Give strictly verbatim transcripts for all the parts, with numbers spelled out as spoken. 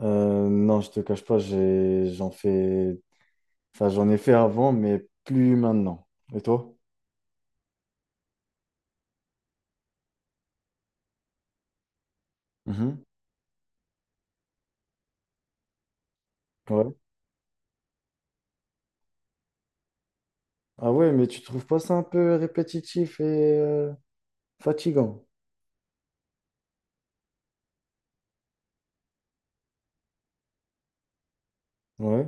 Euh, non, je te cache pas, j'ai, j'en fais, enfin, j'en ai fait avant, mais plus maintenant. Et toi? Mhm. Ouais. Ah ouais, mais tu trouves pas ça un peu répétitif et euh, fatigant? Ouais.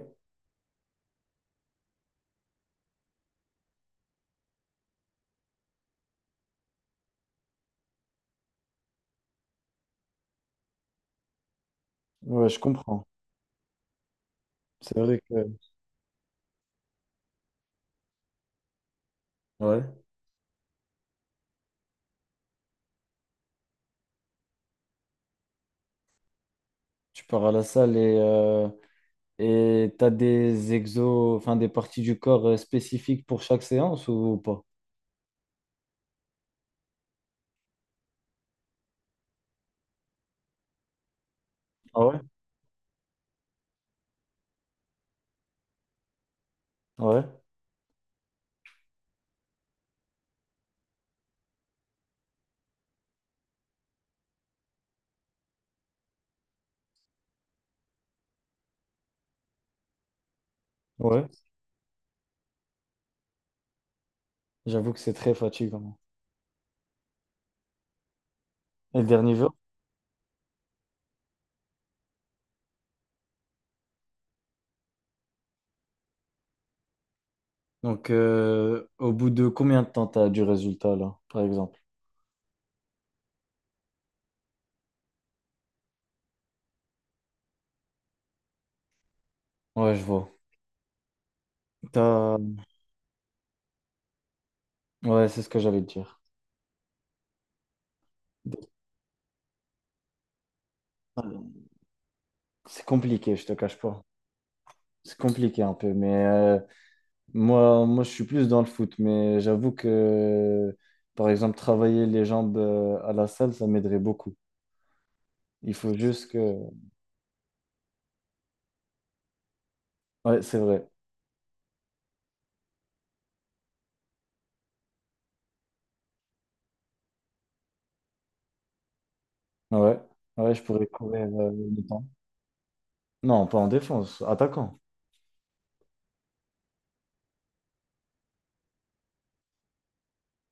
Ouais, je comprends. C'est vrai que, ouais, tu pars à la salle et euh, et t'as des exos, enfin des parties du corps euh, spécifiques pour chaque séance ou pas? Ah ouais? Ouais. Ouais. J'avoue que c'est très fatigant. Et le dernier jour? Donc, euh, au bout de combien de temps t'as du résultat là, par exemple? Ouais, je vois. T'as... Ouais, c'est ce que j'allais te dire. C'est compliqué, je te cache pas. C'est compliqué un peu, mais euh, moi, moi, je suis plus dans le foot, mais j'avoue que, par exemple, travailler les jambes euh, à la salle, ça m'aiderait beaucoup. Il faut juste que... Ouais, c'est vrai. Ouais, ouais, je pourrais courir euh, le temps. Non, pas en défense, attaquant.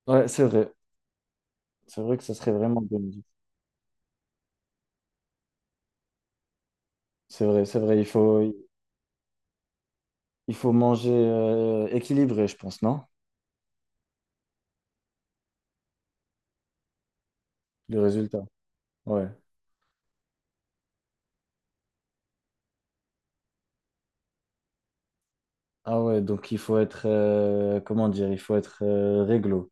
Ouais, c'est vrai. C'est vrai que ça serait vraiment bien dit. C'est vrai, c'est vrai. Il faut, il faut manger euh, équilibré, je pense, non? Le résultat. Ouais. Ah ouais, donc il faut être, euh, comment dire, il faut être euh, réglo.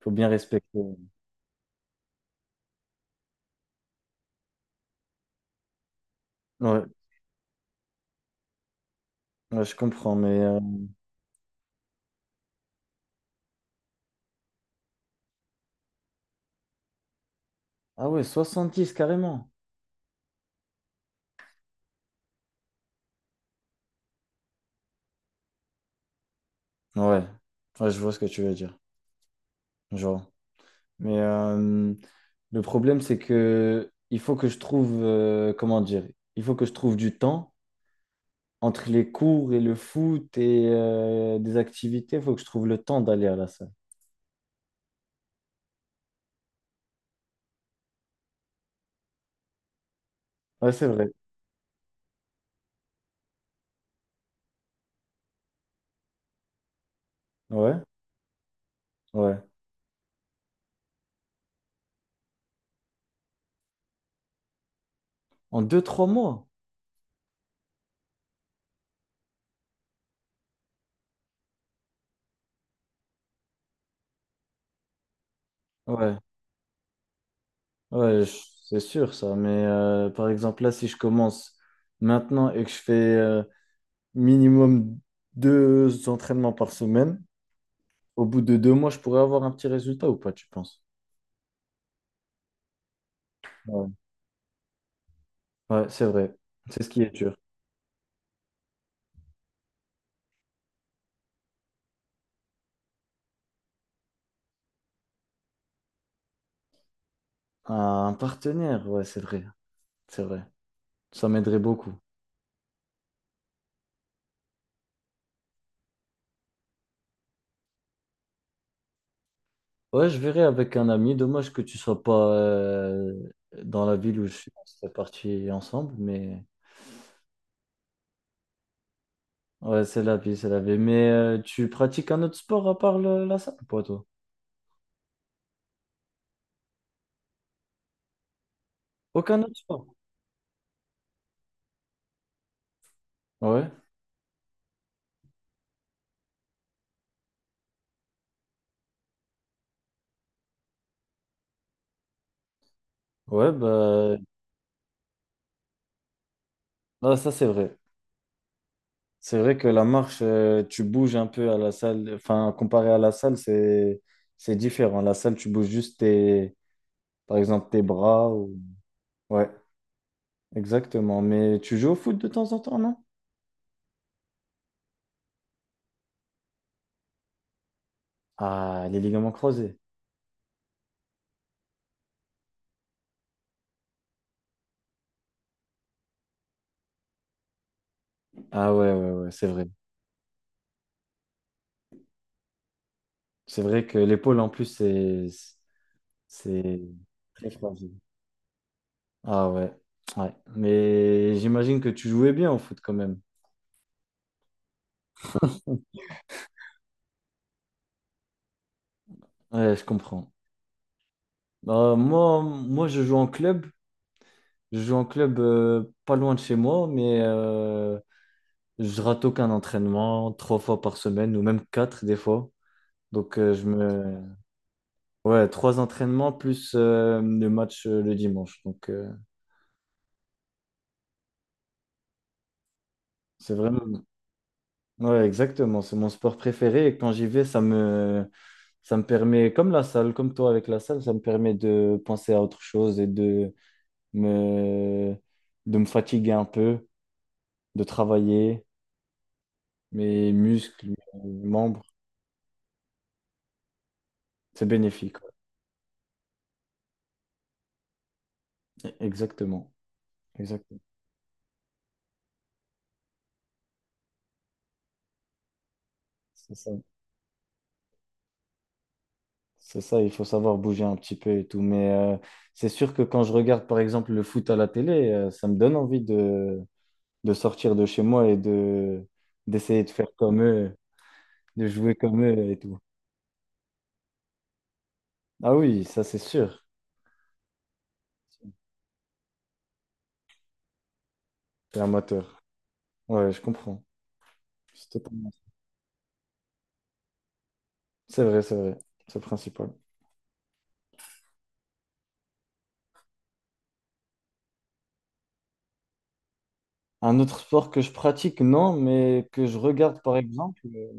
Il faut bien respecter. Ouais, ouais, je comprends, mais... euh, Ah ouais, soixante dix carrément. Ouais. Ouais, je vois ce que tu veux dire. Genre. Mais euh, le problème, c'est que il faut que je trouve, euh, comment dire, il faut que je trouve du temps entre les cours et le foot et euh, des activités. Il faut que je trouve le temps d'aller à la salle. Ouais, c'est vrai. Ouais, ouais. En deux, trois mois? Ouais, ouais, je- c'est sûr ça. Mais euh, par exemple, là, si je commence maintenant et que je fais euh, minimum deux entraînements par semaine, au bout de deux mois, je pourrais avoir un petit résultat ou pas, tu penses? Ouais, ouais, c'est vrai. C'est ce qui est dur. Un partenaire, ouais, c'est vrai. C'est vrai. Ça m'aiderait beaucoup. Ouais, je verrai avec un ami. Dommage que tu sois pas euh, dans la ville où je suis. On serait parti ensemble, mais... Ouais, c'est la vie, c'est la vie. Mais euh, tu pratiques un autre sport à part le- la salle, pas toi? Aucun autre sport. Ouais, ouais, bah, ah, ça c'est vrai. C'est vrai que la marche, euh, tu bouges un peu à la salle. Enfin, comparé à la salle, c'est c'est différent. La salle, tu bouges juste tes, par exemple, tes bras. ou- Ouais, exactement. Mais tu joues au foot de temps en temps, non? Ah, les ligaments croisés. Ah ouais, ouais, ouais, c'est vrai. C'est vrai que l'épaule, en plus, c'est c'est très fragile. Ah ouais, ouais. Mais j'imagine que tu jouais bien au foot quand même. Ouais, je comprends. Euh, moi, moi, je joue en club. Je joue en club euh, pas loin de chez moi, mais euh, je rate aucun entraînement, trois fois par semaine, ou même quatre des fois. Donc euh, je me... Ouais, trois entraînements plus euh, le match euh, le dimanche. Donc euh, c'est vraiment... Ouais, exactement. C'est mon sport préféré et quand j'y vais, ça me, ça me permet, comme la salle, comme toi avec la salle, ça me permet de penser à autre chose et de me, de me fatiguer un peu, de travailler mes muscles, mes membres. C'est bénéfique, ouais. Exactement. Exactement. C'est ça. C'est ça, il faut savoir bouger un petit peu et tout. Mais euh, c'est sûr que quand je regarde, par exemple, le foot à la télé, euh, ça me donne envie de, de sortir de chez moi et de, d'essayer de faire comme eux, de jouer comme eux et tout. Ah oui, ça c'est sûr. T'es amateur. Ouais, je comprends. C'est totalement... C'est vrai, c'est vrai. C'est le principal. Un autre sport que je pratique, non, mais que je regarde par exemple. euh,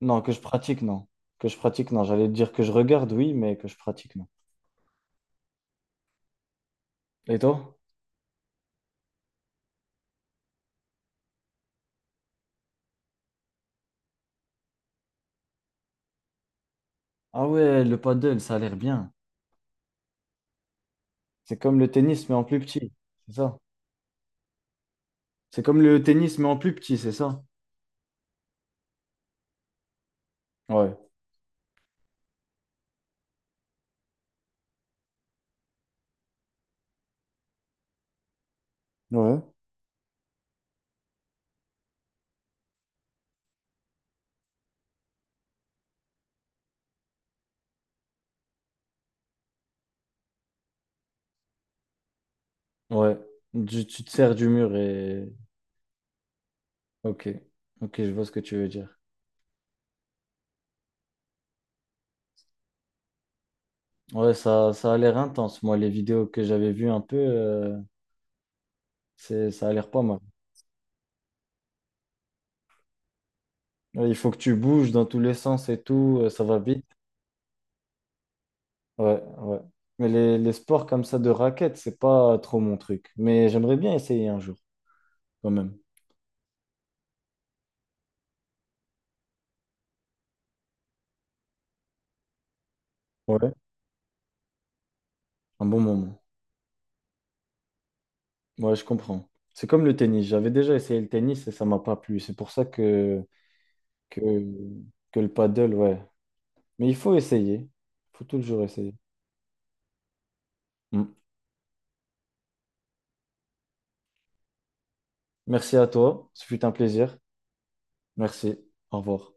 Non, que je pratique, non. Que je pratique, non. J'allais dire que je regarde, oui, mais que je pratique, non. Et toi? Ah ouais, le paddle, ça a l'air bien. C'est comme le tennis, mais en plus petit. C'est ça? C'est comme le tennis, mais en plus petit, c'est ça? Ouais. Ouais. Ouais. Tu, tu te sers du mur et... Ok, ok, je vois ce que tu veux dire. Ouais, ça, ça a l'air intense. Moi, les vidéos que j'avais vues un peu, euh, c'est, ça a l'air pas mal. Ouais, il faut que tu bouges dans tous les sens et tout, euh, ça va vite. Ouais, ouais. Mais les, les sports comme ça de raquettes, c'est pas trop mon truc. Mais j'aimerais bien essayer un jour, quand même. Ouais, un bon moment. Ouais, je comprends. C'est comme le tennis. J'avais déjà essayé le tennis et ça m'a pas plu. C'est pour ça que, que, que le paddle, ouais. Mais il faut essayer. Il faut toujours essayer. Mm. Merci à toi. Ce fut un plaisir. Merci. Au revoir.